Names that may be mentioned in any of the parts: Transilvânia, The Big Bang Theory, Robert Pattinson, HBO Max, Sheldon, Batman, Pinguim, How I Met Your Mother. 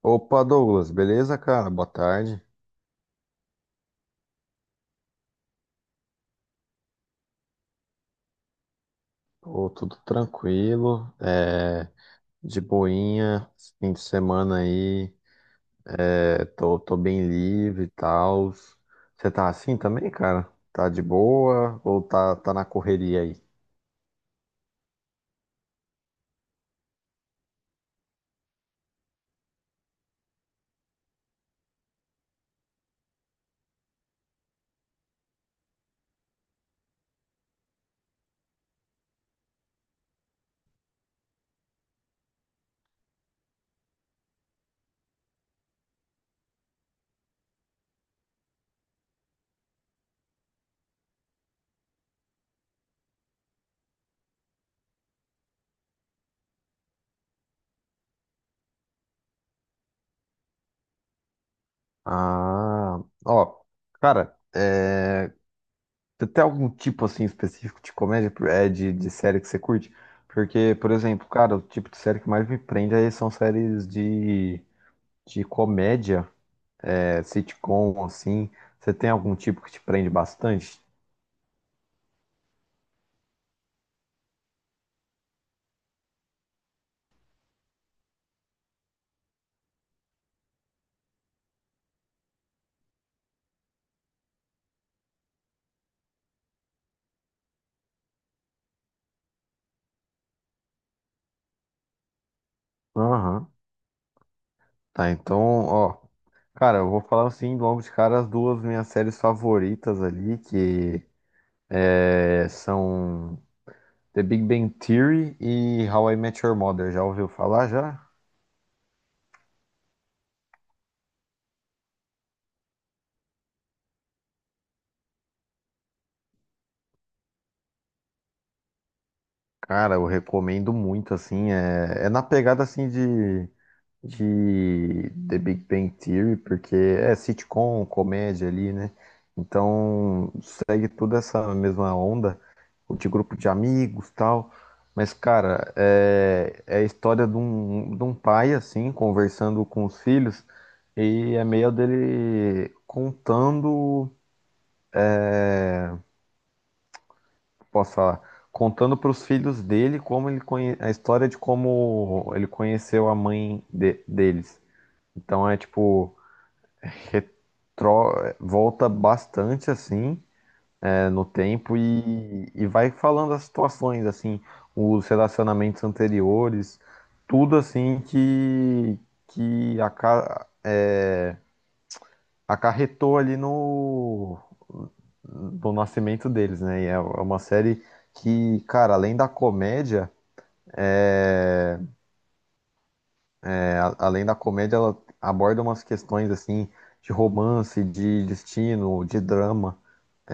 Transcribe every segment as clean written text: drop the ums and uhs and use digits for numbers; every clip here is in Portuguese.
Opa, Douglas, beleza, cara? Boa tarde. Pô, tudo tranquilo, de boinha, esse fim de semana aí, tô bem livre e tal. Você tá assim também, cara? Tá de boa ou tá na correria aí? Ah, ó, cara, é, você tem algum tipo assim específico de comédia, de série que você curte? Porque, por exemplo, cara, o tipo de série que mais me prende aí são séries de comédia. Sitcom, assim, você tem algum tipo que te prende bastante? Aham. Tá, então, ó. Cara, eu vou falar assim, logo de cara, as duas minhas séries favoritas ali, são The Big Bang Theory e How I Met Your Mother. Já ouviu falar já? Cara, eu recomendo muito, assim. É na pegada assim de The Big Bang Theory, porque é sitcom, comédia ali, né? Então segue toda essa mesma onda, o de grupo de amigos tal. Mas, cara, é a história de um pai, assim, conversando com os filhos, e é meio dele contando, posso falar, contando para os filhos dele como ele a história de como ele conheceu a mãe deles. Então é tipo retro- volta bastante assim no tempo e vai falando as situações assim, os relacionamentos anteriores, tudo assim que que aca- é, acarretou ali no do nascimento deles, né? E é uma série que, cara, além da comédia, é, além da comédia, ela aborda umas questões assim de romance, de destino, de drama.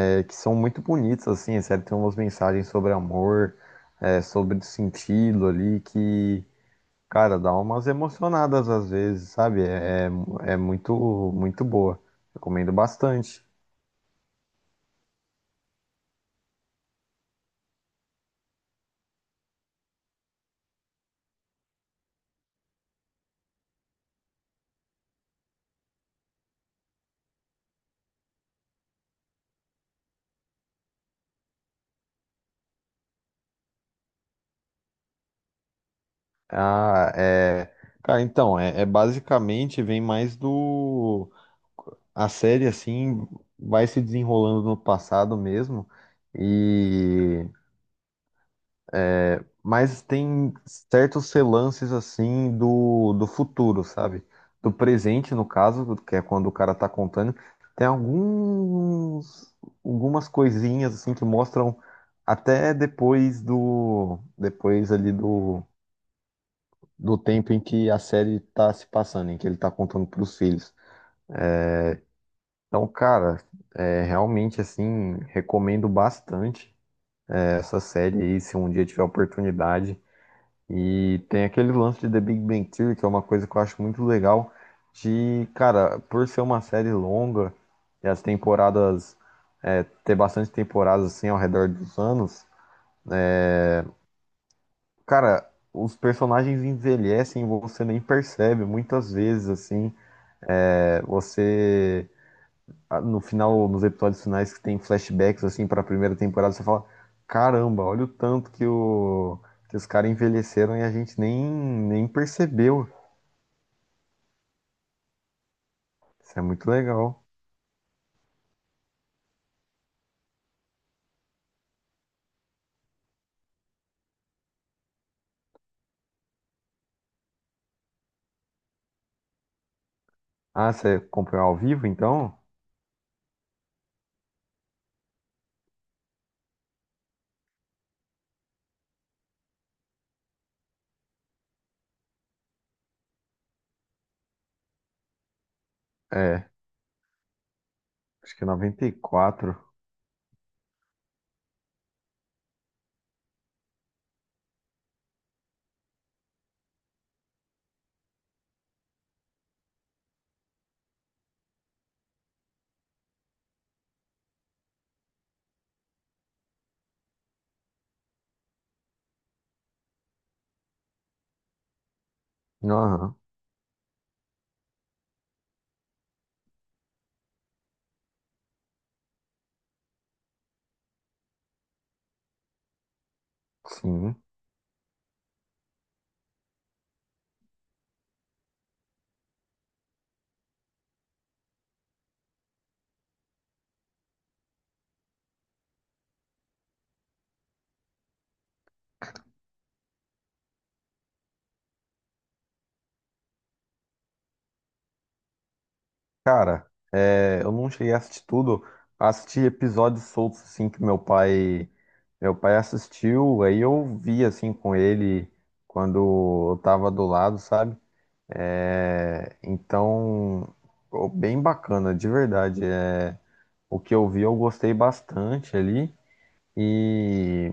Que são muito bonitos, assim, sério, tem umas mensagens sobre amor, sobre sentido ali, que, cara, dá umas emocionadas às vezes, sabe? É muito, muito boa. Recomendo bastante. Ah, é. Cara, então, é basicamente vem mais do. A série, assim, vai se desenrolando no passado mesmo. e mas tem certos relances assim do futuro, sabe? Do presente, no caso, que é quando o cara tá contando, tem alguns algumas coisinhas assim que mostram até depois ali do tempo em que a série tá se passando, em que ele tá contando pros filhos. Então, cara, realmente assim, recomendo bastante essa série aí, se um dia tiver oportunidade. E tem aquele lance de The Big Bang Theory, que é uma coisa que eu acho muito legal, de, cara, por ser uma série longa e as temporadas, ter bastante temporadas assim ao redor dos anos, é, cara, os personagens envelhecem e você nem percebe muitas vezes, assim, É, você, ah, no final, nos episódios finais que tem flashbacks, assim, para a primeira temporada, você fala, caramba, olha o tanto que que os caras envelheceram e a gente nem percebeu. Isso é muito legal. Ah, você comprou ao vivo, então? É, acho que é noventa e quatro. Aham, sim. Cara, eu não cheguei a assistir tudo. Assisti episódios soltos, assim, que meu pai... Meu pai assistiu, aí eu vi, assim, com ele quando eu tava do lado, sabe? É, então, ficou bem bacana, de verdade. É. O que eu vi, eu gostei bastante ali. E...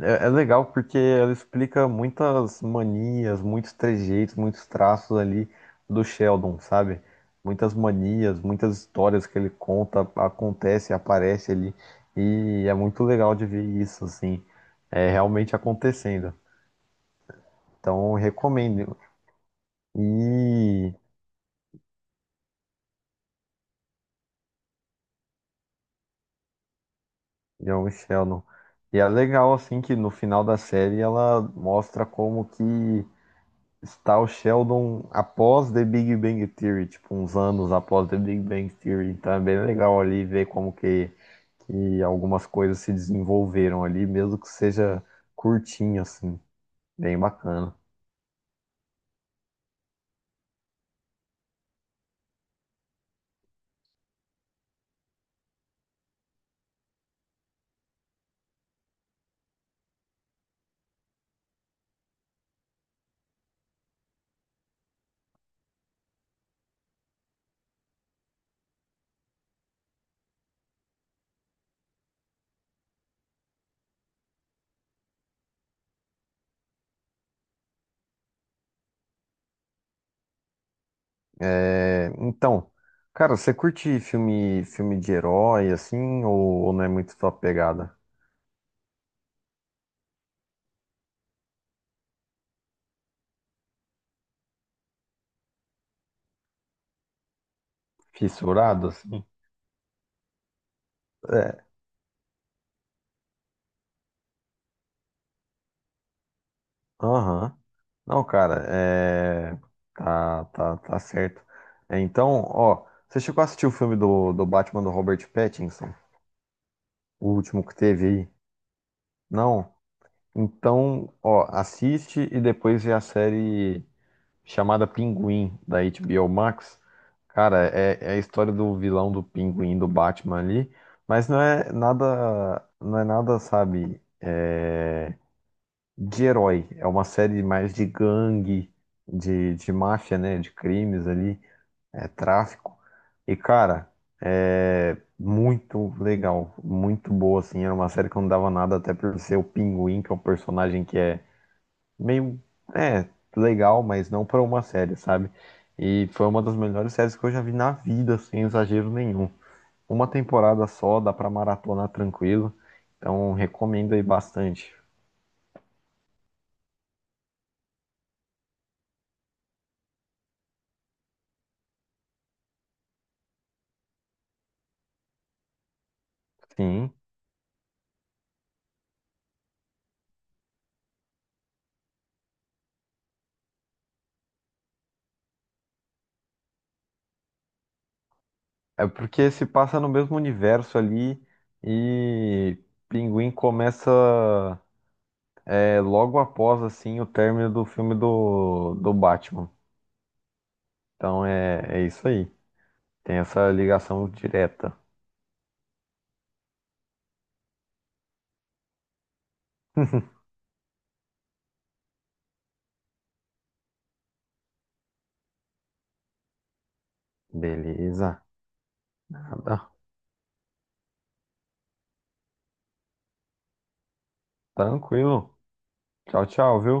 É, é legal porque ela explica muitas manias, muitos trejeitos, muitos traços ali do Sheldon, sabe? Muitas manias, muitas histórias que ele conta, acontece, aparece ali. E é muito legal de ver isso, assim, é realmente acontecendo. Então, eu recomendo. E John Sheldon. E é legal, assim, que no final da série ela mostra como que está o Sheldon após The Big Bang Theory, tipo, uns anos após The Big Bang Theory. Então é bem legal ali ver como que algumas coisas se desenvolveram ali, mesmo que seja curtinho, assim. Bem bacana. É, então, cara, você curte filme, filme de herói, assim, ou não é muito tua pegada? Fissurado, assim? É, aham. Não, cara, é... tá certo. Então, ó, você chegou a assistir o filme do Batman do Robert Pattinson? O último que teve aí? Não? Então, ó, assiste e depois vê a série chamada Pinguim, da HBO Max. Cara, é a história do vilão do Pinguim, do Batman ali, mas não é nada, não é nada, sabe, de herói. É uma série mais de gangue, de máfia, né? De crimes ali, tráfico. E, cara, é muito legal, muito boa, assim. Era uma série que eu não dava nada, até por ser o Pinguim, que é um personagem que é meio, é, legal, mas não pra uma série, sabe? E foi uma das melhores séries que eu já vi na vida, sem exagero nenhum. Uma temporada só, dá pra maratonar tranquilo. Então, recomendo aí bastante. Sim. É porque se passa no mesmo universo ali e Pinguim começa logo após assim o término do filme do Batman. Então é isso aí. Tem essa ligação direta. Beleza. Nada. Tranquilo. Tchau, tchau, viu?